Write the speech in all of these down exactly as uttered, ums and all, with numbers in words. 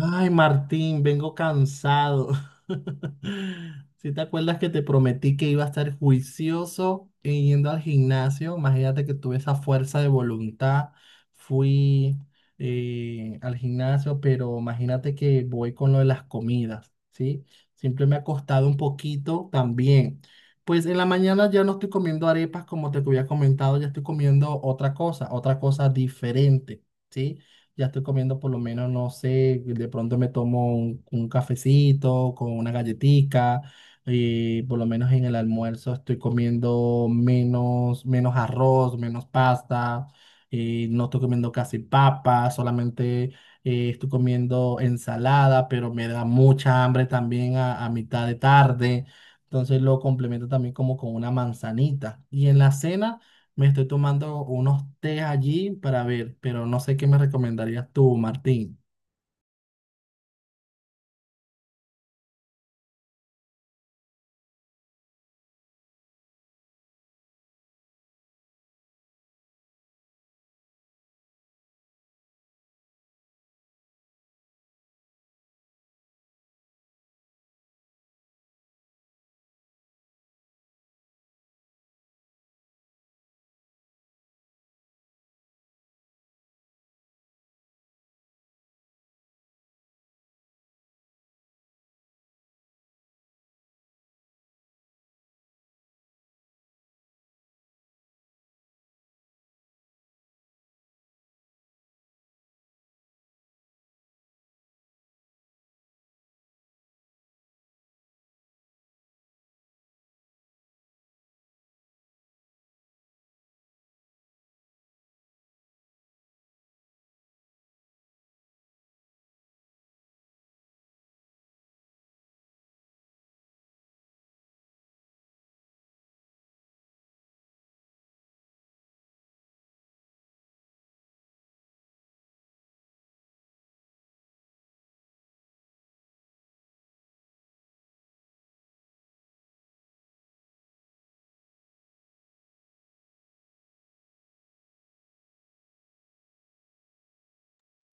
Ay, Martín, vengo cansado. Si te acuerdas que te prometí que iba a estar juicioso e yendo al gimnasio, imagínate que tuve esa fuerza de voluntad, fui eh, al gimnasio, pero imagínate que voy con lo de las comidas, ¿sí? Siempre me ha costado un poquito también. Pues en la mañana ya no estoy comiendo arepas como te había comentado, ya estoy comiendo otra cosa, otra cosa diferente. ¿Sí? Ya estoy comiendo por lo menos, no sé, de pronto me tomo un, un cafecito con una galletica, y por lo menos en el almuerzo estoy comiendo menos, menos arroz, menos pasta, eh, no estoy comiendo casi papa, solamente eh, estoy comiendo ensalada, pero me da mucha hambre también a, a mitad de tarde. Entonces lo complemento también como con una manzanita. Y en la cena, me estoy tomando unos té allí para ver, pero no sé qué me recomendarías tú, Martín.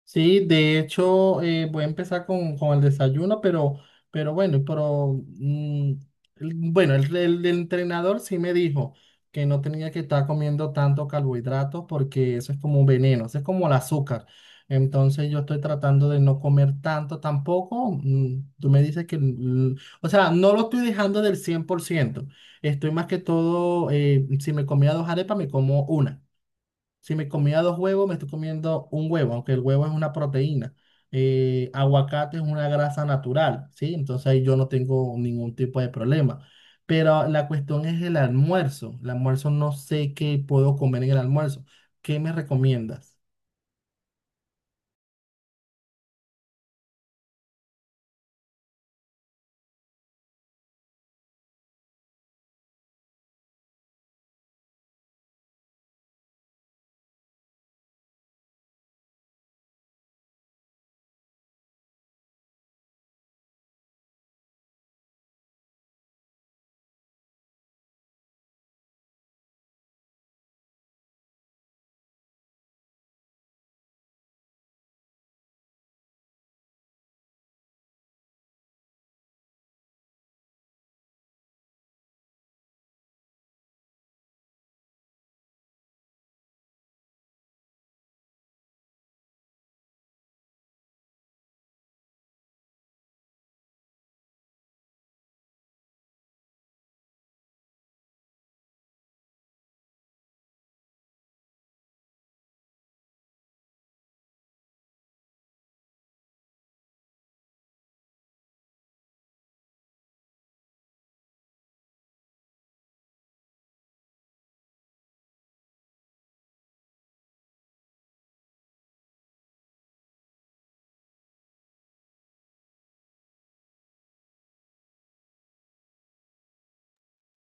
Sí, de hecho, eh, voy a empezar con, con el desayuno, pero, pero bueno, pero mm, el- bueno, el, el- el entrenador sí me dijo que no tenía que estar comiendo tanto carbohidratos porque eso es como un veneno, eso es como el azúcar. Entonces yo estoy tratando de no comer tanto tampoco. mm, tú me dices que, mm, o sea, no lo estoy dejando del cien por ciento. Estoy más que todo, eh, si me comía dos arepas, me como una. Si me comía dos huevos, me estoy comiendo un huevo, aunque el huevo es una proteína. Eh, aguacate es una grasa natural, ¿sí? Entonces ahí yo no tengo ningún tipo de problema. Pero la cuestión es el almuerzo. El almuerzo no sé qué puedo comer en el almuerzo. ¿Qué me recomiendas?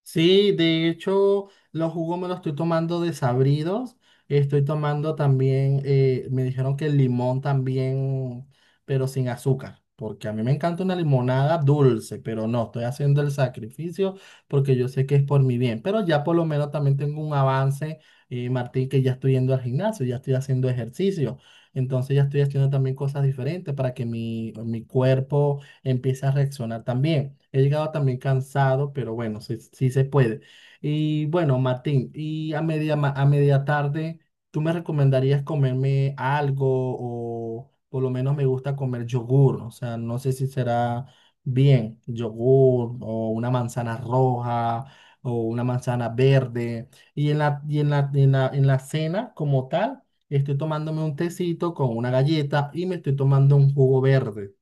Sí, de hecho, los jugos me los estoy tomando desabridos. Estoy tomando también, eh, me dijeron que el limón también, pero sin azúcar, porque a mí me encanta una limonada dulce, pero no, estoy haciendo el sacrificio porque yo sé que es por mi bien. Pero ya por lo menos también tengo un avance, eh, Martín, que ya estoy yendo al gimnasio, ya estoy haciendo ejercicio. Entonces ya estoy haciendo también cosas diferentes para que mi, mi cuerpo empieza a reaccionar también. He llegado también cansado, pero bueno, sí, sí se puede. Y bueno, Martín, y a media, ma- a media tarde, ¿tú me recomendarías comerme algo o por lo menos me gusta comer yogur? O sea, no sé si será bien, yogur o una manzana roja o una manzana verde. Y en la, y en la, en la, en la cena como tal, estoy tomándome un tecito con una galleta y me estoy tomando un jugo verde.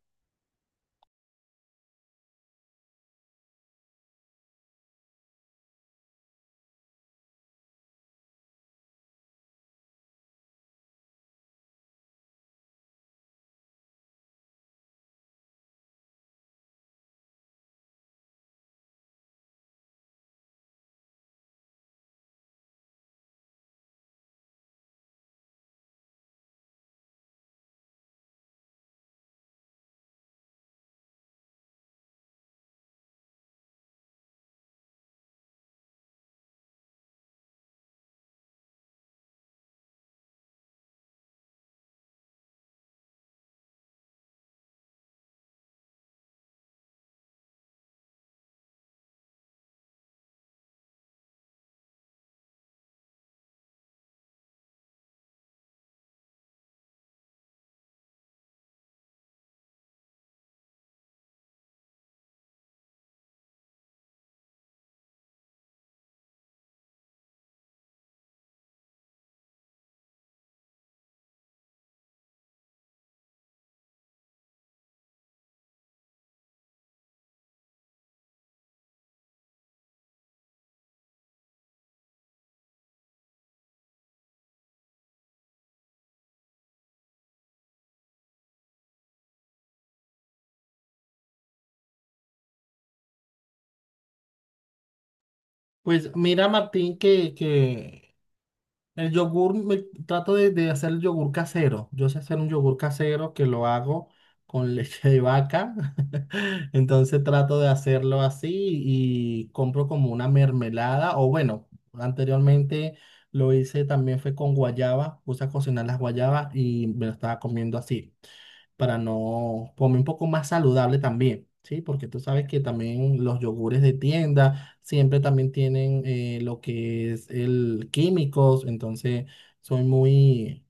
Pues mira, Martín, que, que el yogur, me, trato de, de hacer el yogur casero. Yo sé hacer un yogur casero que lo hago con leche de vaca. Entonces trato de hacerlo así y compro como una mermelada. O bueno, anteriormente lo hice también fue con guayaba. Puse a cocinar las guayabas y me lo estaba comiendo así para no comer un poco más saludable también, ¿sí? Porque tú sabes que también los yogures de tienda siempre también tienen eh, lo que es el químicos, entonces soy muy,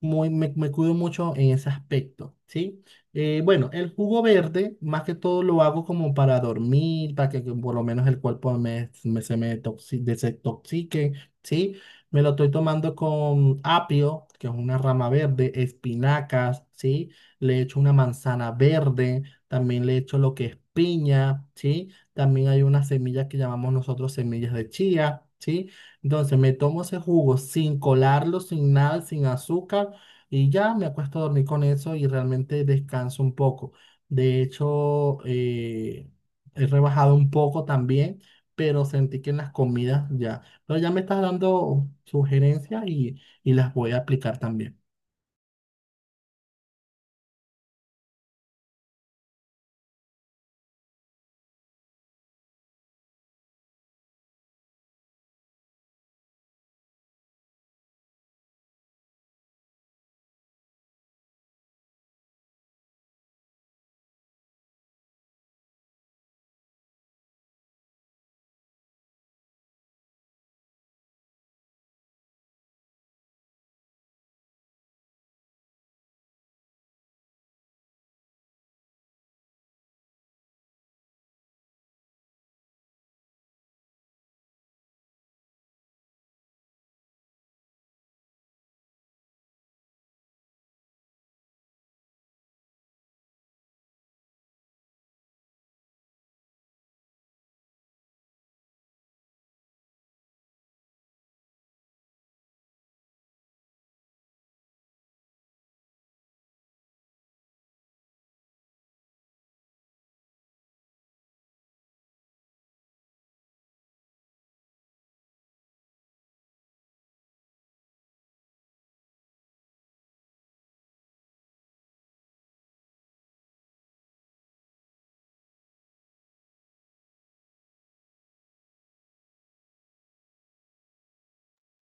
muy, me, me cuido mucho en ese aspecto, ¿sí? Eh, bueno, el jugo verde, más que todo lo hago como para dormir, para que, que por lo menos el cuerpo me, me- se me toxi- desintoxique, ¿sí? Me lo estoy tomando con apio, que es una rama verde, espinacas, ¿sí? Le echo una manzana verde, también le echo lo que es piña, ¿sí? También hay unas semillas que llamamos nosotros semillas de chía, ¿sí? Entonces me tomo ese jugo sin colarlo, sin nada, sin azúcar y ya me acuesto a dormir con eso y realmente descanso un poco. De hecho, eh, he rebajado un poco también, pero sentí que en las comidas ya. Pero ya me estás dando sugerencias y, y las voy a aplicar también.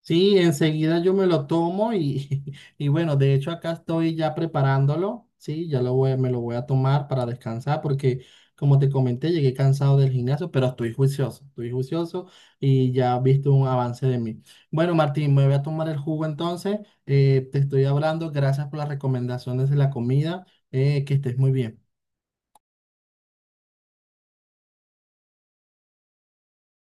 Sí, enseguida yo me lo tomo y, y bueno, de hecho acá estoy ya preparándolo, sí, ya lo voy, me lo voy a tomar para descansar porque como te comenté llegué cansado del gimnasio, pero estoy juicioso, estoy juicioso y ya has visto un avance de mí. Bueno, Martín, me voy a tomar el jugo entonces, eh, te estoy hablando, gracias por las recomendaciones de la comida, eh, que estés muy bien.